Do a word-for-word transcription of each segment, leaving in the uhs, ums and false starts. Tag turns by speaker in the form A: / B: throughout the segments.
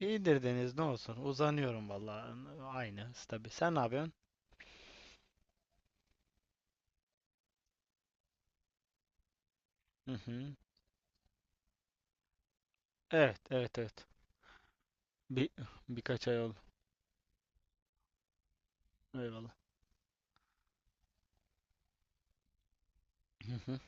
A: İyidir Deniz, ne olsun. Uzanıyorum vallahi. Aynı stabil. Sen ne yapıyorsun? Hı hı. Evet evet evet. Bir birkaç ay oldu. Eyvallah. Hı hı.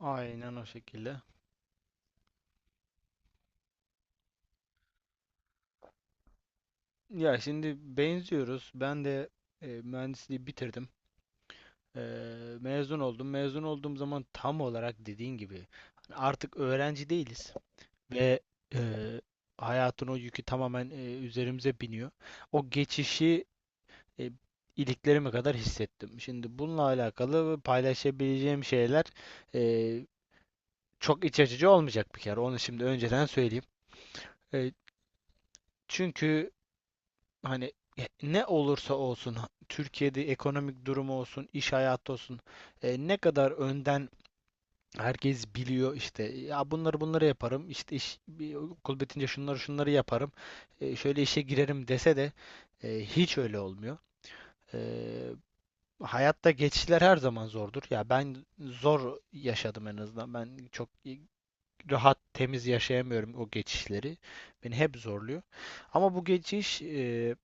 A: Aynen o şekilde. Ya şimdi benziyoruz. Ben de e, mühendisliği bitirdim. E, Mezun oldum. Mezun olduğum zaman tam olarak dediğin gibi, hani artık öğrenci değiliz ve e, hayatın o yükü tamamen e, üzerimize biniyor. O geçişi e, iliklerime kadar hissettim. Şimdi bununla alakalı paylaşabileceğim şeyler e, çok iç açıcı olmayacak bir kere. Onu şimdi önceden söyleyeyim. E, Çünkü hani e, ne olursa olsun Türkiye'de ekonomik durumu olsun, iş hayatı olsun, e, ne kadar önden herkes biliyor işte, ya bunları bunları yaparım, işte iş bir okul bitince şunları şunları yaparım, e, şöyle işe girerim dese de e, hiç öyle olmuyor. E, Hayatta geçişler her zaman zordur. Ya ben zor yaşadım en azından. Ben çok rahat, temiz yaşayamıyorum o geçişleri. Beni hep zorluyor. Ama bu geçiş e,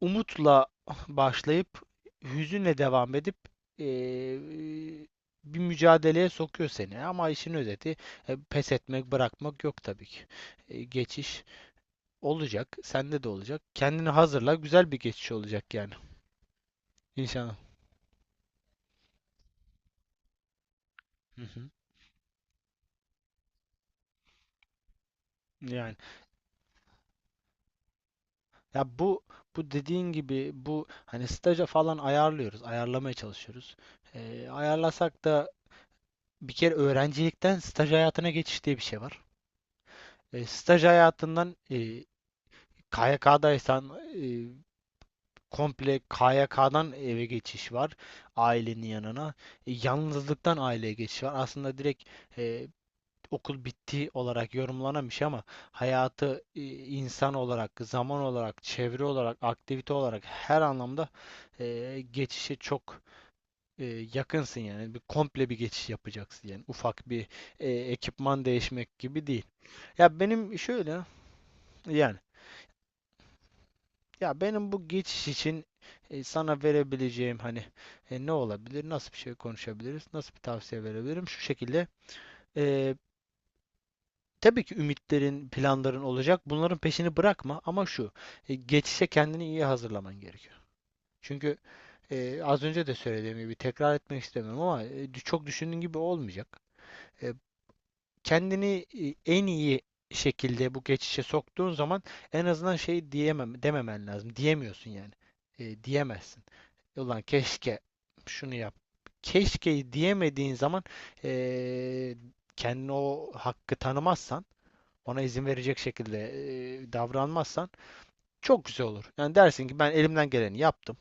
A: umutla başlayıp hüzünle devam edip e, bir mücadeleye sokuyor seni. Ama işin özeti, e, pes etmek, bırakmak yok tabii ki. E, geçiş olacak, sende de olacak. Kendini hazırla, güzel bir geçiş olacak yani. İnşallah. Hı hı. Yani. Ya bu bu dediğin gibi, bu hani staja falan ayarlıyoruz, ayarlamaya çalışıyoruz. Ee, ayarlasak da bir kere öğrencilikten staj hayatına geçiş diye bir şey var. Ee, staj hayatından e, K Y K'daysan, e, komple K Y K'dan eve geçiş var, ailenin yanına. E, yalnızlıktan aileye geçiş var. Aslında direkt e, okul bitti olarak yorumlanamış ama hayatı, e, insan olarak, zaman olarak, çevre olarak, aktivite olarak her anlamda e, geçişe çok e, yakınsın yani. Bir komple bir geçiş yapacaksın yani. Ufak bir e, ekipman değişmek gibi değil. Ya benim şöyle yani ya benim bu geçiş için e, sana verebileceğim, hani e, ne olabilir? Nasıl bir şey konuşabiliriz? Nasıl bir tavsiye verebilirim? Şu şekilde: e, tabii ki ümitlerin, planların olacak. Bunların peşini bırakma ama şu, e, geçişe kendini iyi hazırlaman gerekiyor. Çünkü e, az önce de söylediğim gibi, tekrar etmek istemiyorum ama e, çok düşündüğün gibi olmayacak. E, Kendini e, en iyi şekilde bu geçişe soktuğun zaman, en azından şey diyemem, dememen lazım. Diyemiyorsun yani. E, diyemezsin. "Ulan keşke şunu yap" keşke diyemediğin zaman, e, kendine o hakkı tanımazsan, ona izin verecek şekilde e, davranmazsan çok güzel olur. Yani dersin ki, ben elimden geleni yaptım.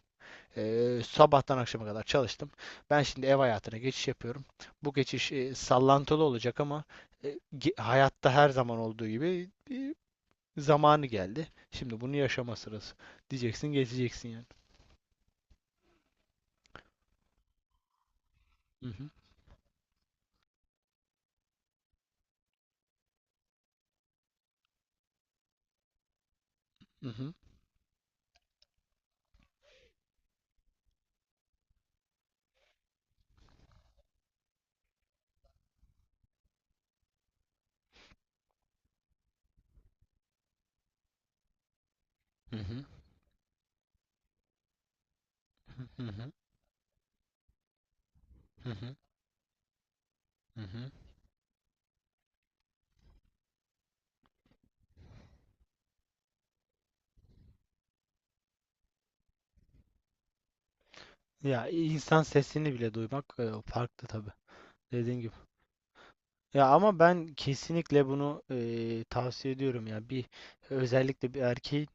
A: E, sabahtan akşama kadar çalıştım. Ben şimdi ev hayatına geçiş yapıyorum. Bu geçiş e, sallantılı olacak ama e, hayatta her zaman olduğu gibi e, zamanı geldi. Şimdi bunu yaşama sırası. Diyeceksin, geçeceksin yani. Hı hı, hı hı, hı hı, hı hı, hı hı, hı hı. Ya insan sesini bile duymak e, farklı tabii. Dediğin gibi. Ya ama ben kesinlikle bunu eee, tavsiye ediyorum ya. Bir özellikle bir erkeğin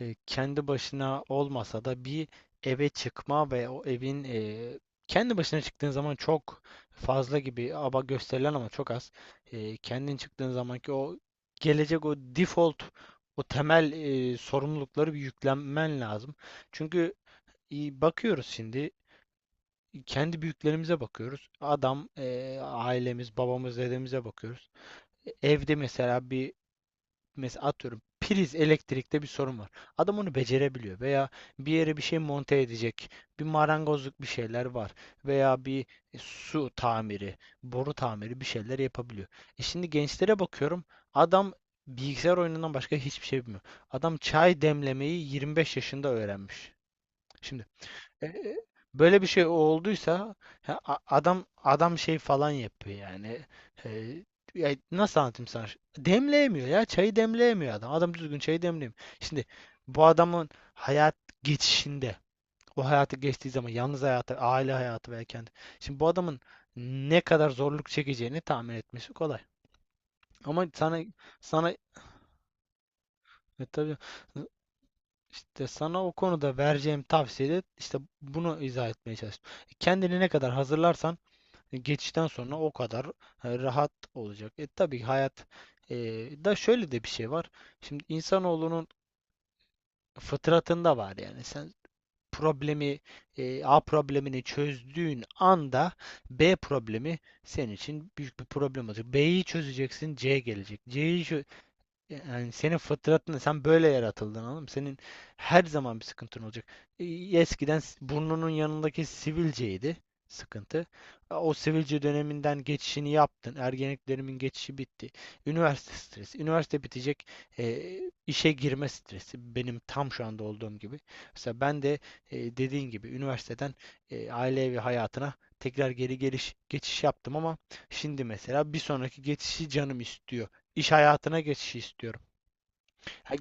A: e, kendi başına olmasa da bir eve çıkma ve o evin, e, kendi başına çıktığın zaman çok fazla gibi ama gösterilen ama çok az. E, kendin çıktığın zamanki o gelecek, o default, o temel e, sorumlulukları bir yüklenmen lazım. Çünkü e, bakıyoruz şimdi, kendi büyüklerimize bakıyoruz. Adam, e, ailemiz, babamız, dedemize bakıyoruz, evde mesela bir mesela atıyorum, priz elektrikte bir sorun var. Adam onu becerebiliyor, veya bir yere bir şey monte edecek, bir marangozluk bir şeyler var veya bir su tamiri, boru tamiri bir şeyler yapabiliyor. E şimdi gençlere bakıyorum. Adam bilgisayar oyunundan başka hiçbir şey bilmiyor. Adam çay demlemeyi yirmi beş yaşında öğrenmiş. Şimdi e, böyle bir şey olduysa ya a- adam adam şey falan yapıyor yani. E, Ya nasıl anlatayım sana? şu- Demleyemiyor ya. Çayı demleyemiyor adam. Adam düzgün çayı demleyemiyor. Şimdi bu adamın hayat geçişinde, o hayatı geçtiği zaman, yalnız hayatı, aile hayatı veya kendi. Şimdi bu adamın ne kadar zorluk çekeceğini tahmin etmesi kolay. Ama sana sana e, tabii işte sana o konuda vereceğim tavsiyede işte bunu izah etmeye çalıştım. Kendini ne kadar hazırlarsan geçişten sonra o kadar e, rahat olacak. E tabii hayat e, da şöyle de bir şey var. Şimdi insanoğlunun fıtratında var yani. Sen problemi e, A problemini çözdüğün anda B problemi senin için büyük bir problem olacak. B'yi çözeceksin, C gelecek. C'yi çö- yani senin fıtratın, sen böyle yaratıldın oğlum. Senin her zaman bir sıkıntın olacak. E, Eskiden s- burnunun yanındaki sivilceydi sıkıntı. E, O sivilce döneminden geçişini yaptın. Ergenlik dönemimin geçişi bitti. Üniversite stresi. Üniversite bitecek. E, işe girme stresi. Benim tam şu anda olduğum gibi. Mesela ben de e, dediğin gibi üniversiteden e, aile evi hayatına tekrar geri geliş geçiş yaptım ama şimdi mesela bir sonraki geçişi canım istiyor. İş hayatına geçişi istiyorum. Ha,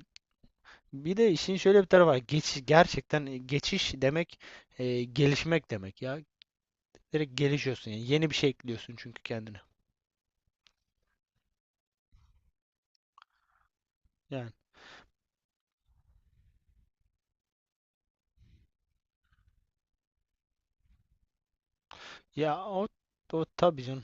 A: bir de işin şöyle bir tarafı var. Geçiş, gerçekten e, geçiş demek e, gelişmek demek ya. Direkt gelişiyorsun yani. Yeni bir şey ekliyorsun çünkü kendine. Yani ya o, o tabii canım.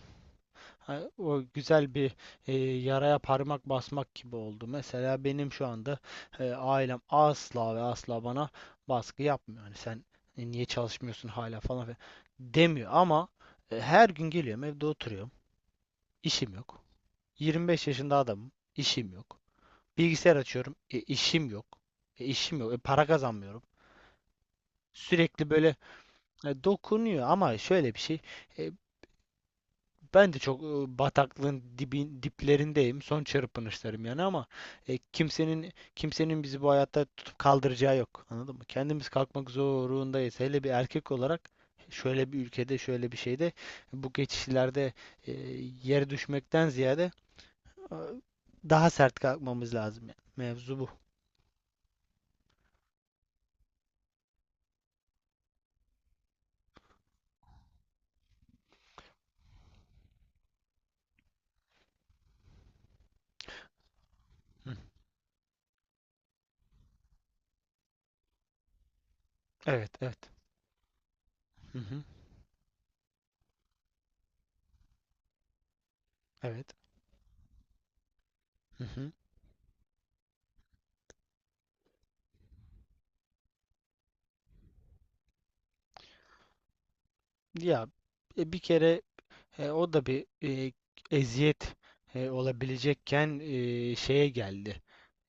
A: Ha, o güzel bir e, yaraya parmak basmak gibi oldu. Mesela benim şu anda e, ailem asla ve asla bana baskı yapmıyor. Hani "sen e, niye çalışmıyorsun hala falan filan" demiyor ama e, her gün geliyorum, evde oturuyorum. İşim yok. yirmi beş yaşında adamım. İşim yok. Bilgisayar açıyorum. E, işim yok. E, işim yok. E, para kazanmıyorum. Sürekli böyle e, dokunuyor ama şöyle bir şey. e, Ben de çok e, bataklığın dibin, diplerindeyim. Son çırpınışlarım yani ama e, kimsenin kimsenin bizi bu hayatta tutup kaldıracağı yok. Anladın mı? Kendimiz kalkmak zorundayız. Hele bir erkek olarak şöyle bir ülkede, şöyle bir şeyde, bu geçişlerde e, yere düşmekten ziyade, Ee, daha sert kalkmamız lazım yani. Mevzu bu. Hı. Evet, evet. Hı hı. Evet. Hı hı. Ya e, bir kere e, o da bir e, eziyet e, olabilecekken e, şeye geldi.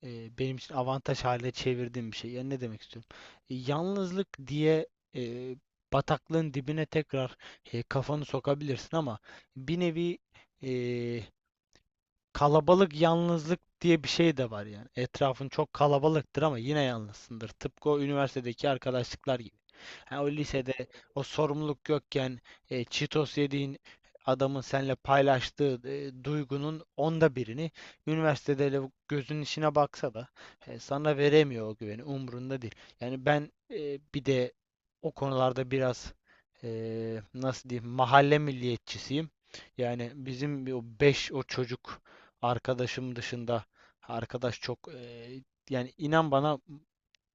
A: E, benim için avantaj haline çevirdiğim bir şey. Yani ne demek istiyorum? E, yalnızlık diye e, bataklığın dibine tekrar e, kafanı sokabilirsin ama bir nevi, e, kalabalık yalnızlık diye bir şey de var yani. Etrafın çok kalabalıktır ama yine yalnızsındır. Tıpkı o üniversitedeki arkadaşlıklar gibi. Ha, o lisede o sorumluluk yokken e, Cheetos yediğin adamın seninle paylaştığı e, duygunun onda birini üniversitede le- gözünün içine baksa da e, sana veremiyor o güveni. Umrunda değil. Yani ben e, bir de o konularda biraz e, nasıl diyeyim, mahalle milliyetçisiyim. Yani bizim bir o beş o çocuk arkadaşım dışında arkadaş çok, eee, yani inan bana,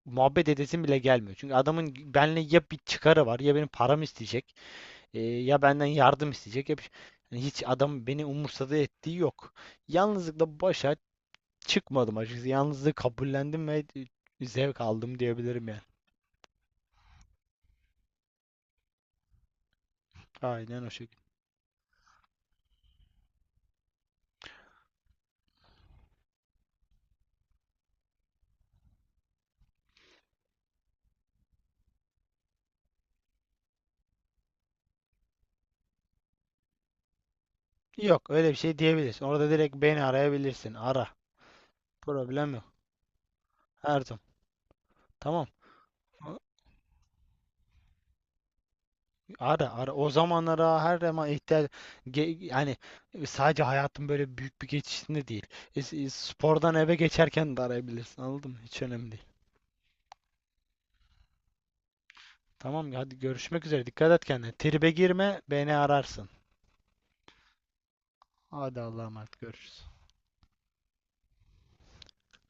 A: muhabbet edesim bile gelmiyor. Çünkü adamın benimle ya bir çıkarı var, ya benim param isteyecek, eee, ya benden yardım isteyecek. Ya bir, şey. Yani hiç adam beni umursadığı ettiği yok. Yalnızlıkla başa çıkmadım açıkçası. Yalnızlığı kabullendim ve zevk aldım diyebilirim yani. Aynen o şekilde. Yok, öyle bir şey diyebilirsin. Orada direkt beni arayabilirsin. Ara. Problem yok. Her zaman. Tamam. Ara ara o zamanlara her zaman ihtiyaç ge- yani, sadece hayatın böyle büyük bir geçişinde değil. E, s- e, spordan eve geçerken de arayabilirsin. Anladın mı? Hiç önemli değil. Tamam hadi, görüşmek üzere. Dikkat et kendine. Tribe girme, beni ararsın. Hadi Allah'a emanet, görüşürüz.